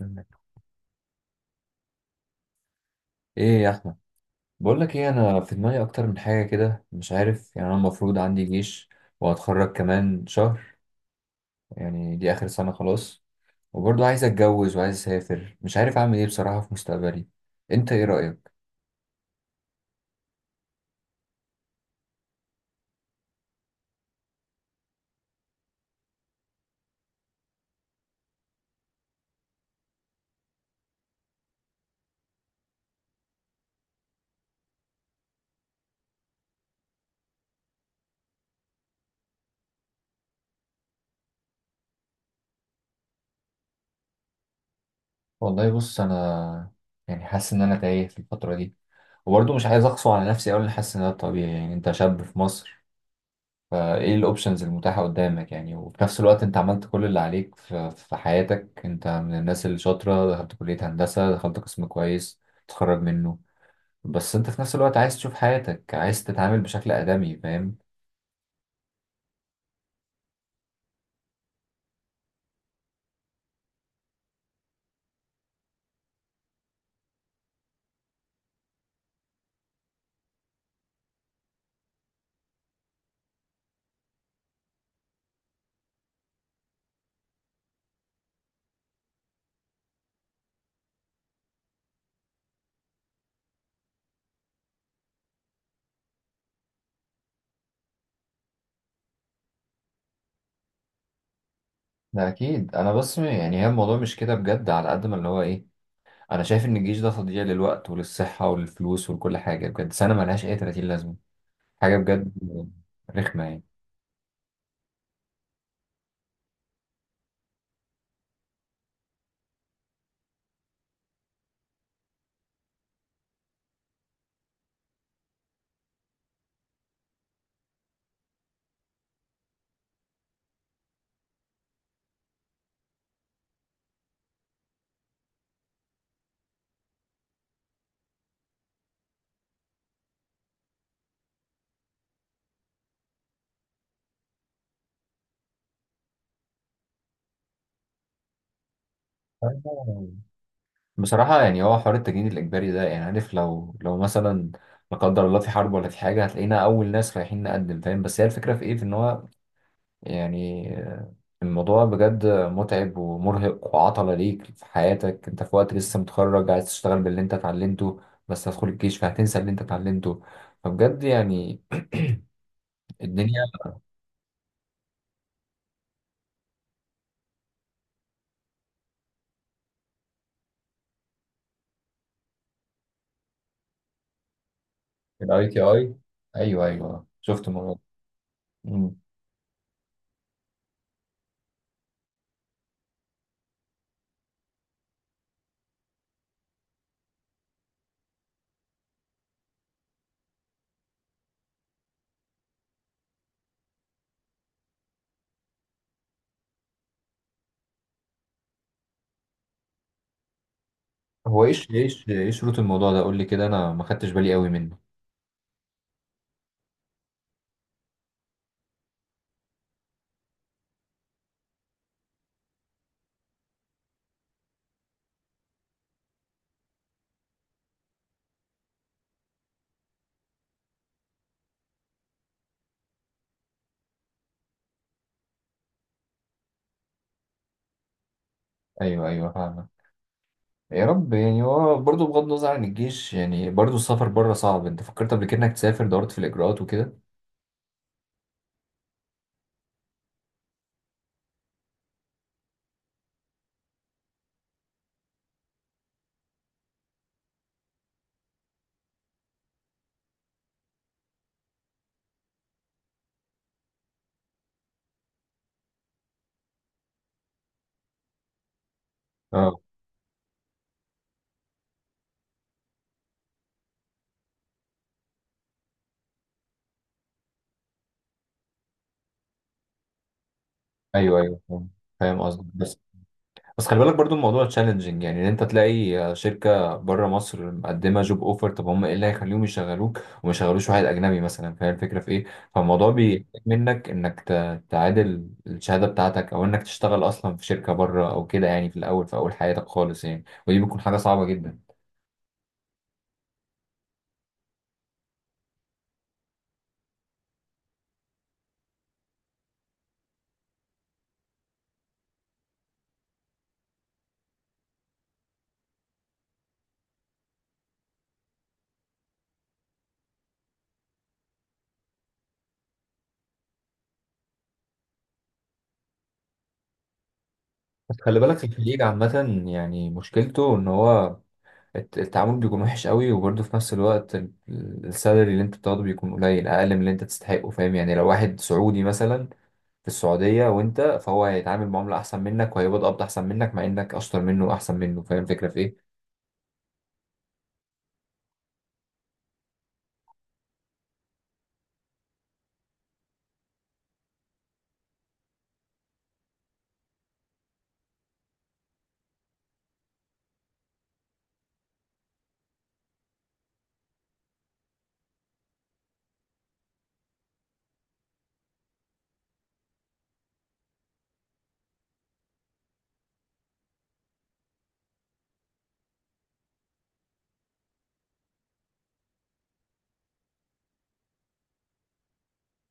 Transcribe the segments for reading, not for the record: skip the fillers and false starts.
منك. ايه يا احمد؟ بقول لك ايه، انا في دماغي اكتر من حاجه كده مش عارف. يعني انا المفروض عندي جيش، وهتخرج كمان شهر، يعني دي اخر سنه خلاص. وبرضه عايز اتجوز وعايز اسافر، مش عارف اعمل ايه بصراحه في مستقبلي. انت ايه رايك؟ والله بص، انا يعني حاسس ان انا تايه في الفتره دي، وبرضه مش عايز اقسو على نفسي اقول ان حاسس ان ده طبيعي، يعني انت شاب في مصر، فايه الاوبشنز المتاحة قدامك؟ يعني وفي نفس الوقت انت عملت كل اللي عليك في حياتك. انت من الناس اللي شاطرة، دخلت كلية هندسة، دخلت قسم كويس تخرج منه. بس انت في نفس الوقت عايز تشوف حياتك، عايز تتعامل بشكل آدمي، فاهم؟ ده اكيد، انا بس يعني هي الموضوع مش كده بجد، على قد ما اللي هو ايه، انا شايف ان الجيش ده تضييع للوقت وللصحة وللفلوس ولكل حاجة بجد، سنة ملهاش اي 30 لازمة، حاجة بجد رخمة يعني. أيوة. بصراحة يعني هو حوار التجنيد الإجباري ده، يعني عارف، لو مثلا لا قدر الله في حرب ولا في حاجة، هتلاقينا أول ناس رايحين نقدم، فاهم؟ بس هي الفكرة في إيه، في إن هو يعني الموضوع بجد متعب ومرهق وعطلة ليك في حياتك، أنت في وقت لسه متخرج عايز تشتغل باللي أنت اتعلمته، بس هتدخل الجيش فهتنسى اللي أنت اتعلمته، فبجد يعني الدنيا. في الـITI؟ أيوه أيوه، شفت الموضوع ده. مم. هو إيش إيش إيه شروط الموضوع ده؟ قول لي كده، أنا ما خدتش بالي قوي منه. أيوه أيوه، فاهمك. يا رب. يعني هو برضه بغض النظر عن الجيش، يعني برضه السفر بره صعب، انت فكرت قبل كده انك تسافر، دورت في الاجراءات وكده؟ اه. ايوه ايوه، فاهم. فاهم قصدك بس. بس خلي بالك برضه الموضوع تشالنجينج، يعني ان انت تلاقي شركه بره مصر مقدمه جوب اوفر. طب هم ايه اللي هيخليهم يشغلوك وما يشغلوش واحد اجنبي مثلا؟ فاهم الفكره في ايه؟ فالموضوع بيحتاج منك انك تعادل الشهاده بتاعتك، او انك تشتغل اصلا في شركه بره او كده، يعني في الاول في اول حياتك خالص، يعني ودي بتكون حاجه صعبه جدا. بس خلي بالك الخليج عامة، يعني مشكلته ان هو التعامل بيكون وحش قوي، وبرضه في نفس الوقت السالري اللي انت بتاخده بيكون قليل، اقل من اللي انت تستحقه، فاهم؟ يعني لو واحد سعودي مثلا في السعودية، وانت فهو هيتعامل معاملة احسن منك وهيقبض احسن منك، مع انك اشطر منه واحسن منه، فاهم الفكرة في ايه؟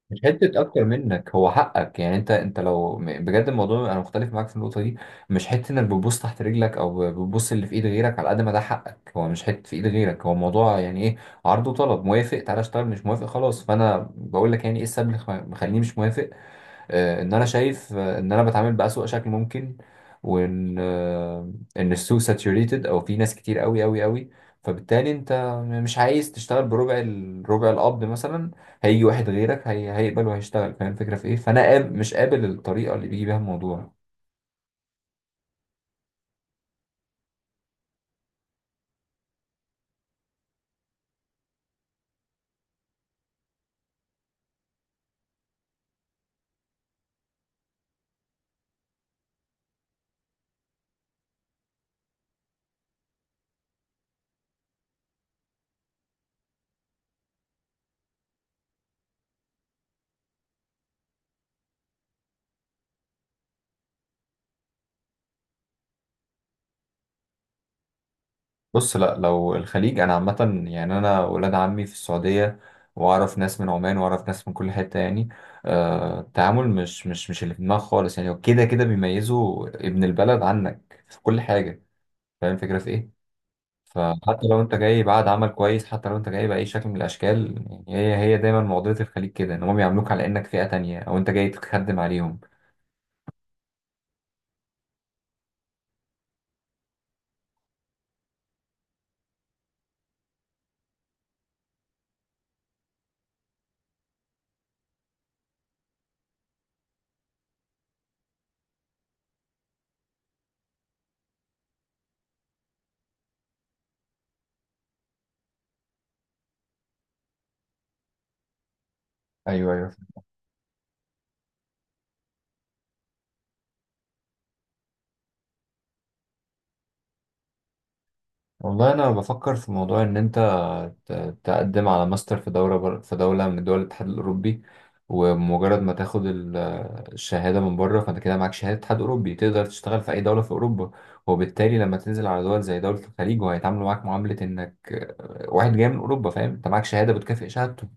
مش حتة أكتر منك، هو حقك يعني. أنت لو بجد الموضوع، أنا مختلف معاك في النقطة دي. مش حتة إنك بتبص تحت رجلك أو بتبص اللي في إيد غيرك، على قد ما ده حقك. هو مش حتة في إيد غيرك، هو الموضوع يعني إيه؟ عرض وطلب، موافق تعالى اشتغل، مش موافق خلاص. فأنا بقول لك يعني إيه السبب اللي مخليني مش موافق. ان انا شايف ان انا بتعامل بأسوأ شكل ممكن، وان ان السوق ساتوريتد، او في ناس كتير قوي قوي قوي، فبالتالي انت مش عايز تشتغل بربع الربع القبض مثلا. هيجي واحد غيرك هيقبل وهيشتغل، فاهم الفكره في ايه؟ فانا مش قابل الطريقه اللي بيجي بيها الموضوع. بص، لا لو الخليج، انا عامه يعني انا ولاد عمي في السعوديه، واعرف ناس من عمان، واعرف ناس من كل حته يعني. التعامل مش اللي في دماغك خالص، يعني هو كده كده بيميزوا ابن البلد عنك في كل حاجه، فاهم الفكره في ايه؟ فحتى لو انت جاي بعد عمل كويس، حتى لو انت جاي باي شكل من الاشكال، يعني هي دايما معضله الخليج كده، ان هم بيعاملوك على انك فئه تانية او انت جاي تخدم عليهم. ايوه ايوه. والله انا بفكر في موضوع ان انت تقدم على ماستر في في دوله من دول الاتحاد الاوروبي. ومجرد ما تاخد الشهاده من بره، فانت كده معاك شهاده اتحاد اوروبي، تقدر تشتغل في اي دوله في اوروبا. وبالتالي لما تنزل على دول زي دوله الخليج، وهيتعاملوا معاك معامله انك واحد جاي من اوروبا، فاهم؟ انت معاك شهاده بتكافئ شهادته،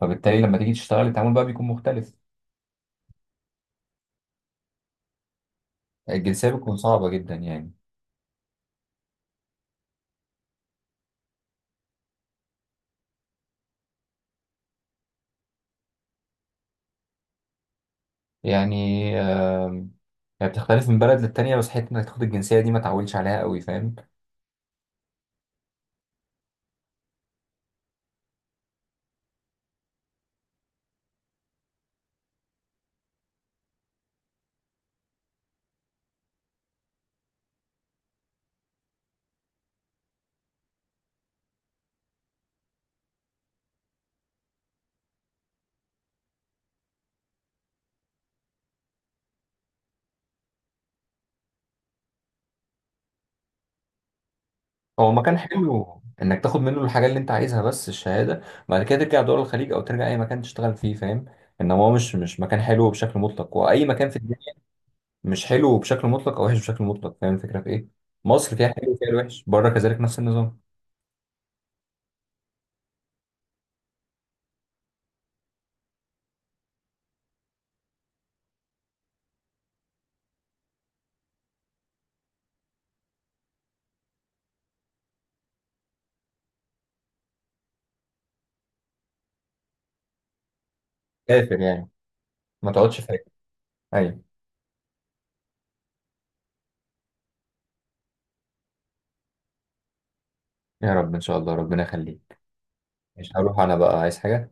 فبالتالي لما تيجي تشتغل التعامل بقى بيكون مختلف. الجنسيه بتكون صعبه جدا يعني. يعني آم، يعني بتختلف من بلد للتانية، بس حتة انك تاخد الجنسية دي ما تعولش عليها قوي، فاهم؟ هو مكان حلو انك تاخد منه الحاجه اللي انت عايزها، بس الشهاده، بعد كده ترجع دول الخليج او ترجع اي مكان تشتغل فيه، فاهم؟ انما هو مش مكان حلو بشكل مطلق. واي مكان في الدنيا مش حلو بشكل مطلق او وحش بشكل مطلق، فاهم الفكره في ايه؟ مصر فيها حلو وفيها الوحش، بره كذلك نفس النظام. كافر يعني، ما تقعدش فاكر. ايوه. يا رب ان شاء الله، ربنا يخليك. مش هروح، انا بقى عايز حاجه.